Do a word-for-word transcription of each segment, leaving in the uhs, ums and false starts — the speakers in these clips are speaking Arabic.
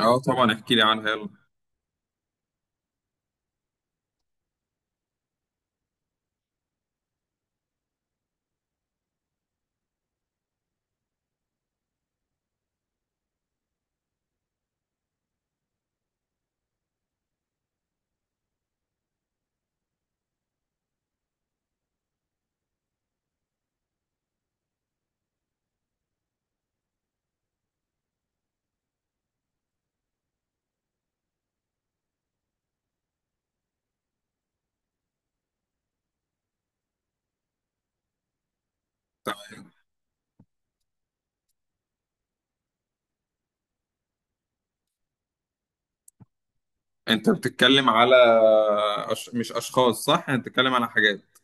اه، طبعا احكي لي عنها. يلا، انت بتتكلم على أش... مش اشخاص، صح؟ انت بتتكلم على حاجات.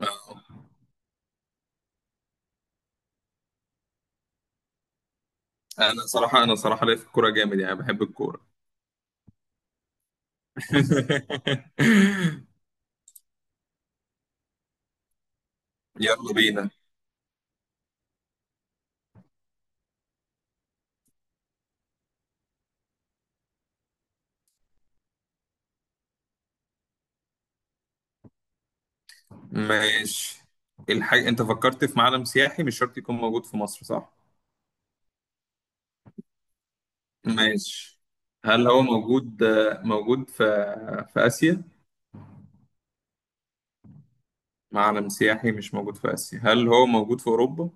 آه. انا صراحه انا صراحه ليا في الكوره جامد، يعني بحب الكوره. يلا بينا. ماشي، الحاجه انت فكرت في معلم سياحي، مش شرط يكون موجود في مصر، صح؟ ماشي، هل هو موجود؟ موجود في في اسيا؟ معلم سياحي مش موجود في اسيا. هل هو موجود في اوروبا؟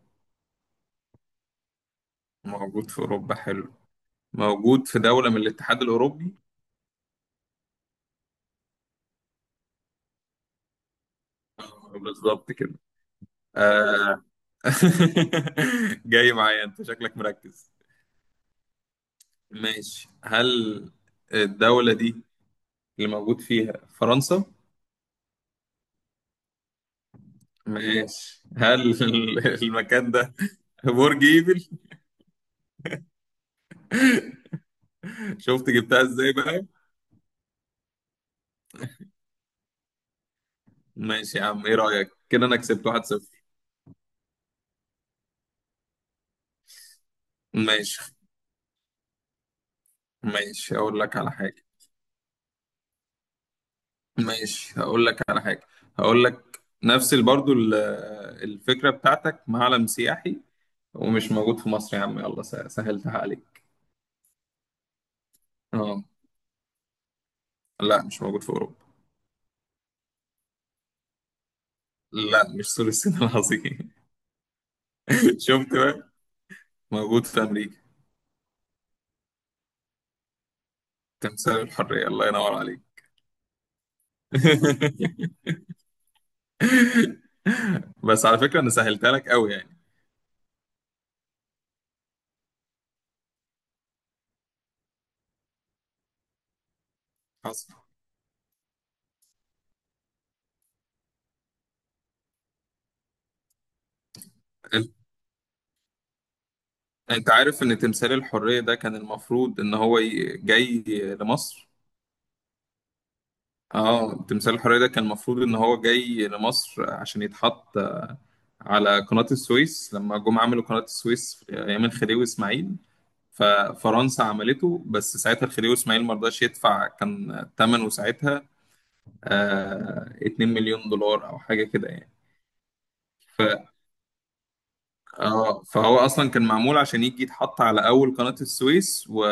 موجود في اوروبا، حلو. موجود في دوله من الاتحاد الاوروبي؟ آه، بالظبط كده. آه. جاي معايا، انت شكلك مركز. ماشي، هل الدولة دي اللي موجود فيها فرنسا؟ ماشي، هل المكان ده برج ايفل؟ شفت جبتها ازاي بقى. ماشي يا عم، ايه رأيك كده، انا كسبت واحد صفر. ماشي. ماشي، اقول لك على حاجة. ماشي، هقول لك على حاجة. هقول لك نفس ال- برضو ال- الفكرة بتاعتك، معلم سياحي ومش موجود في مصر يا عم. يلا، س- سهلتها عليك. اه. لا، مش موجود في اوروبا. لا، مش سور الصين العظيم. شفت بقى، موجود في امريكا. تمثال الحريه، الله ينور عليك. بس على فكره انا سهلتها لك قوي يعني. حصل. انت أنت عارف ان تمثال الحريه ده كان المفروض ان هو ي- جاي لمصر. اه، تمثال الحريه ده كان المفروض ان هو جاي لمصر عشان يتحط على قناه السويس، لما جم عملوا قناه السويس في ايام الخديوي اسماعيل. ففرنسا عملته، بس ساعتها الخديوي اسماعيل ما رضاش يدفع. كان ثمنه ساعتها آه اتنين مليون دولار او حاجه كده يعني. ف اه فهو اصلا كان معمول عشان يجي يتحط على اول قناه السويس و...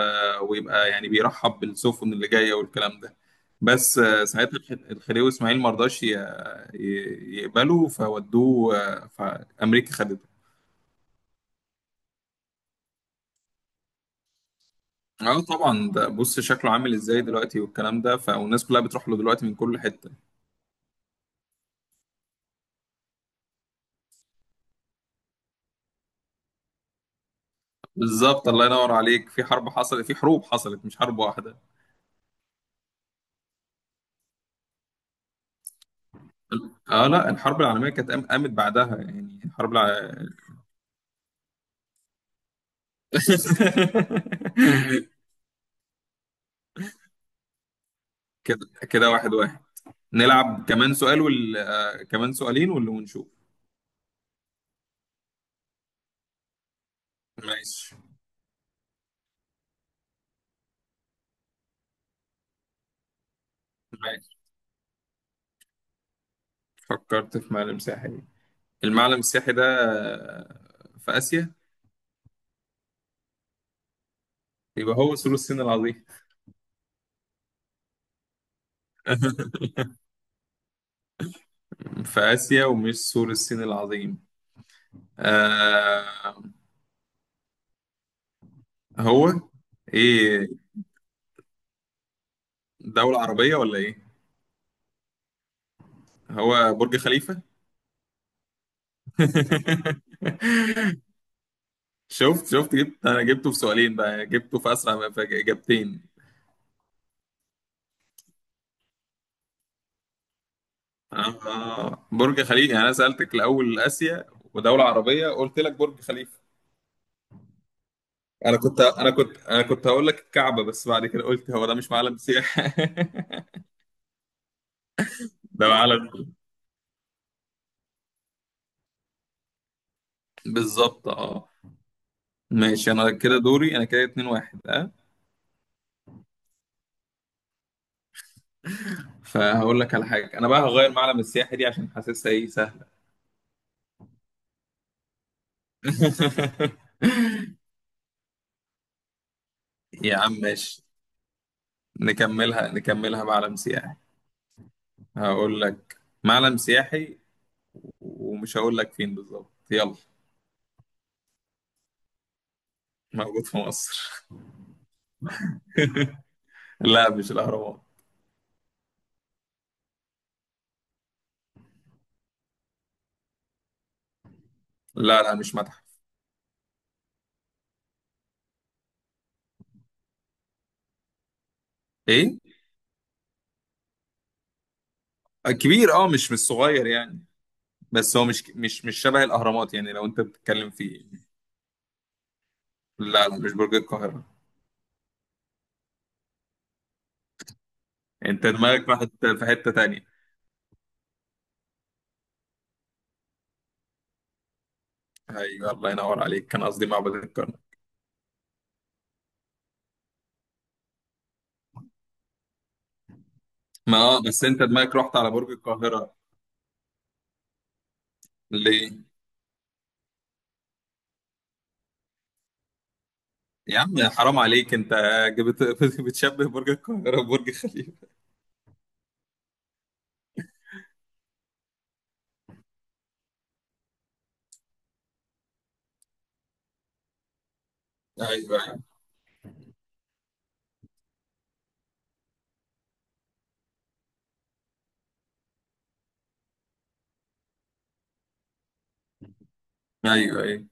ويبقى يعني بيرحب بالسفن اللي جايه والكلام ده. بس آه ساعتها الخ- الخديوي اسماعيل ما رضاش ي... ي... يقبله. فودوه، آه فامريكا خدته. اه طبعا، ده بص شكله عامل ازاي دلوقتي والكلام ده، فالناس كلها بتروح له دلوقتي من كل حته. بالظبط، الله ينور عليك. في حرب حصلت، في حروب حصلت، مش حرب واحدة. اه، لا، الحرب العالمية كانت قام- قامت بعدها. يعني الحرب الع... كده كده واحد واحد. نلعب كمان سؤال وال... آه، كمان سؤالين ولا ونشوف. ماشي. ماشي، فكرت في معلم ساحلي؟ المعلم السياحي ده آه، في آسيا؟ يبقى هو سور الصين العظيم. في آسيا ومش سور الصين العظيم. آه... هو ايه، دولة عربية ولا ايه؟ هو برج خليفة. شفت شفت جبت، انا جبته في سؤالين بقى، جبته في اسرع ما- في اجابتين. آه برج خليفة. يعني انا سألتك الاول اسيا ودولة عربية، قلت لك برج خليفة. انا كنت انا كنت انا كنت هقول لك الكعبة، بس بعد كده قلت هو ده مش معلم سياحة. ده معلم، بالظبط اه. ماشي، انا كده دوري. انا كده اتنين واحد، اه. فهقول لك على حاجة. انا بقى هغير معلم السياحة دي عشان حاسسها ايه سهلة. يا عم ماشي، نكملها نكملها معلم سياحي. هقول لك، معلم سياحي ومش هقول لك فين بالظبط، يلا. موجود في مصر. لا، مش الاهرامات. لا، لا، مش متحف. ايه؟ آه، كبير. اه، مش مش صغير يعني. بس هو مش مش مش شبه الاهرامات، يعني لو انت بتتكلم فيه. لا، لا، مش برج القاهره. انت دماغك راحت في حته تانية. ايوه، الله ينور عليك، كان قصدي معبد الكرنك. ما آه، بس انت دماغك رحت على برج القاهره، ليه؟ يا عم حرام عليك، انت جبت بتشبه برج القاهرة ببرج خليفة. ايوه، ايوه، ايوه، ايوه.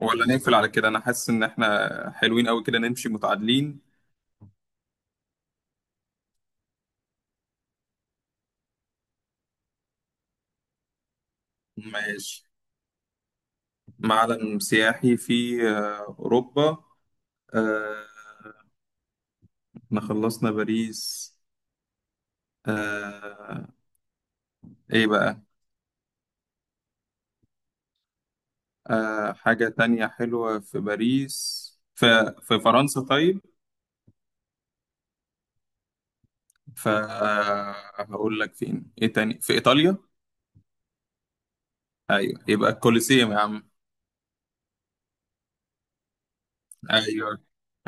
ولا نقفل على كده، انا حاسس ان احنا حلوين قوي كده، نمشي متعادلين. ماشي، معلم سياحي في آه، اوروبا. آه، احنا خلصنا باريس. آه، ايه بقى؟ آه، حاجة تانية حلوة في باريس؟ في في فرنسا طيب؟ فهقول لك فين، ايه تاني، في ايطاليا؟ ايوه، يبقى الكوليسيوم يا عم. ايوه،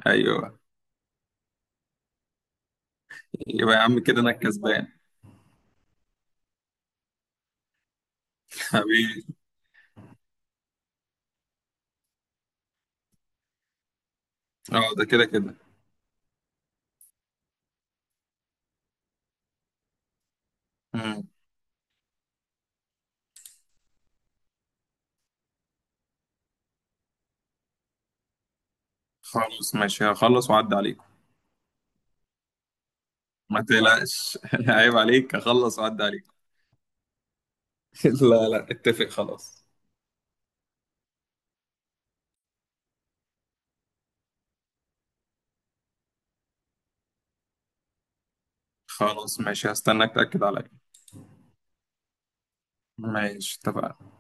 ايوه، يبقى يا عم كده انا الكسبان. حبيبي. اه، ده كده كده. مم. خلاص ماشي، هخلص واعدي عليك. ما تقلقش. عيب عليك، هخلص واعدي عليك. لا، لا، اتفق خلاص. خلاص ماشي، هستناك تأكد عليا. ماشي، اتفقنا.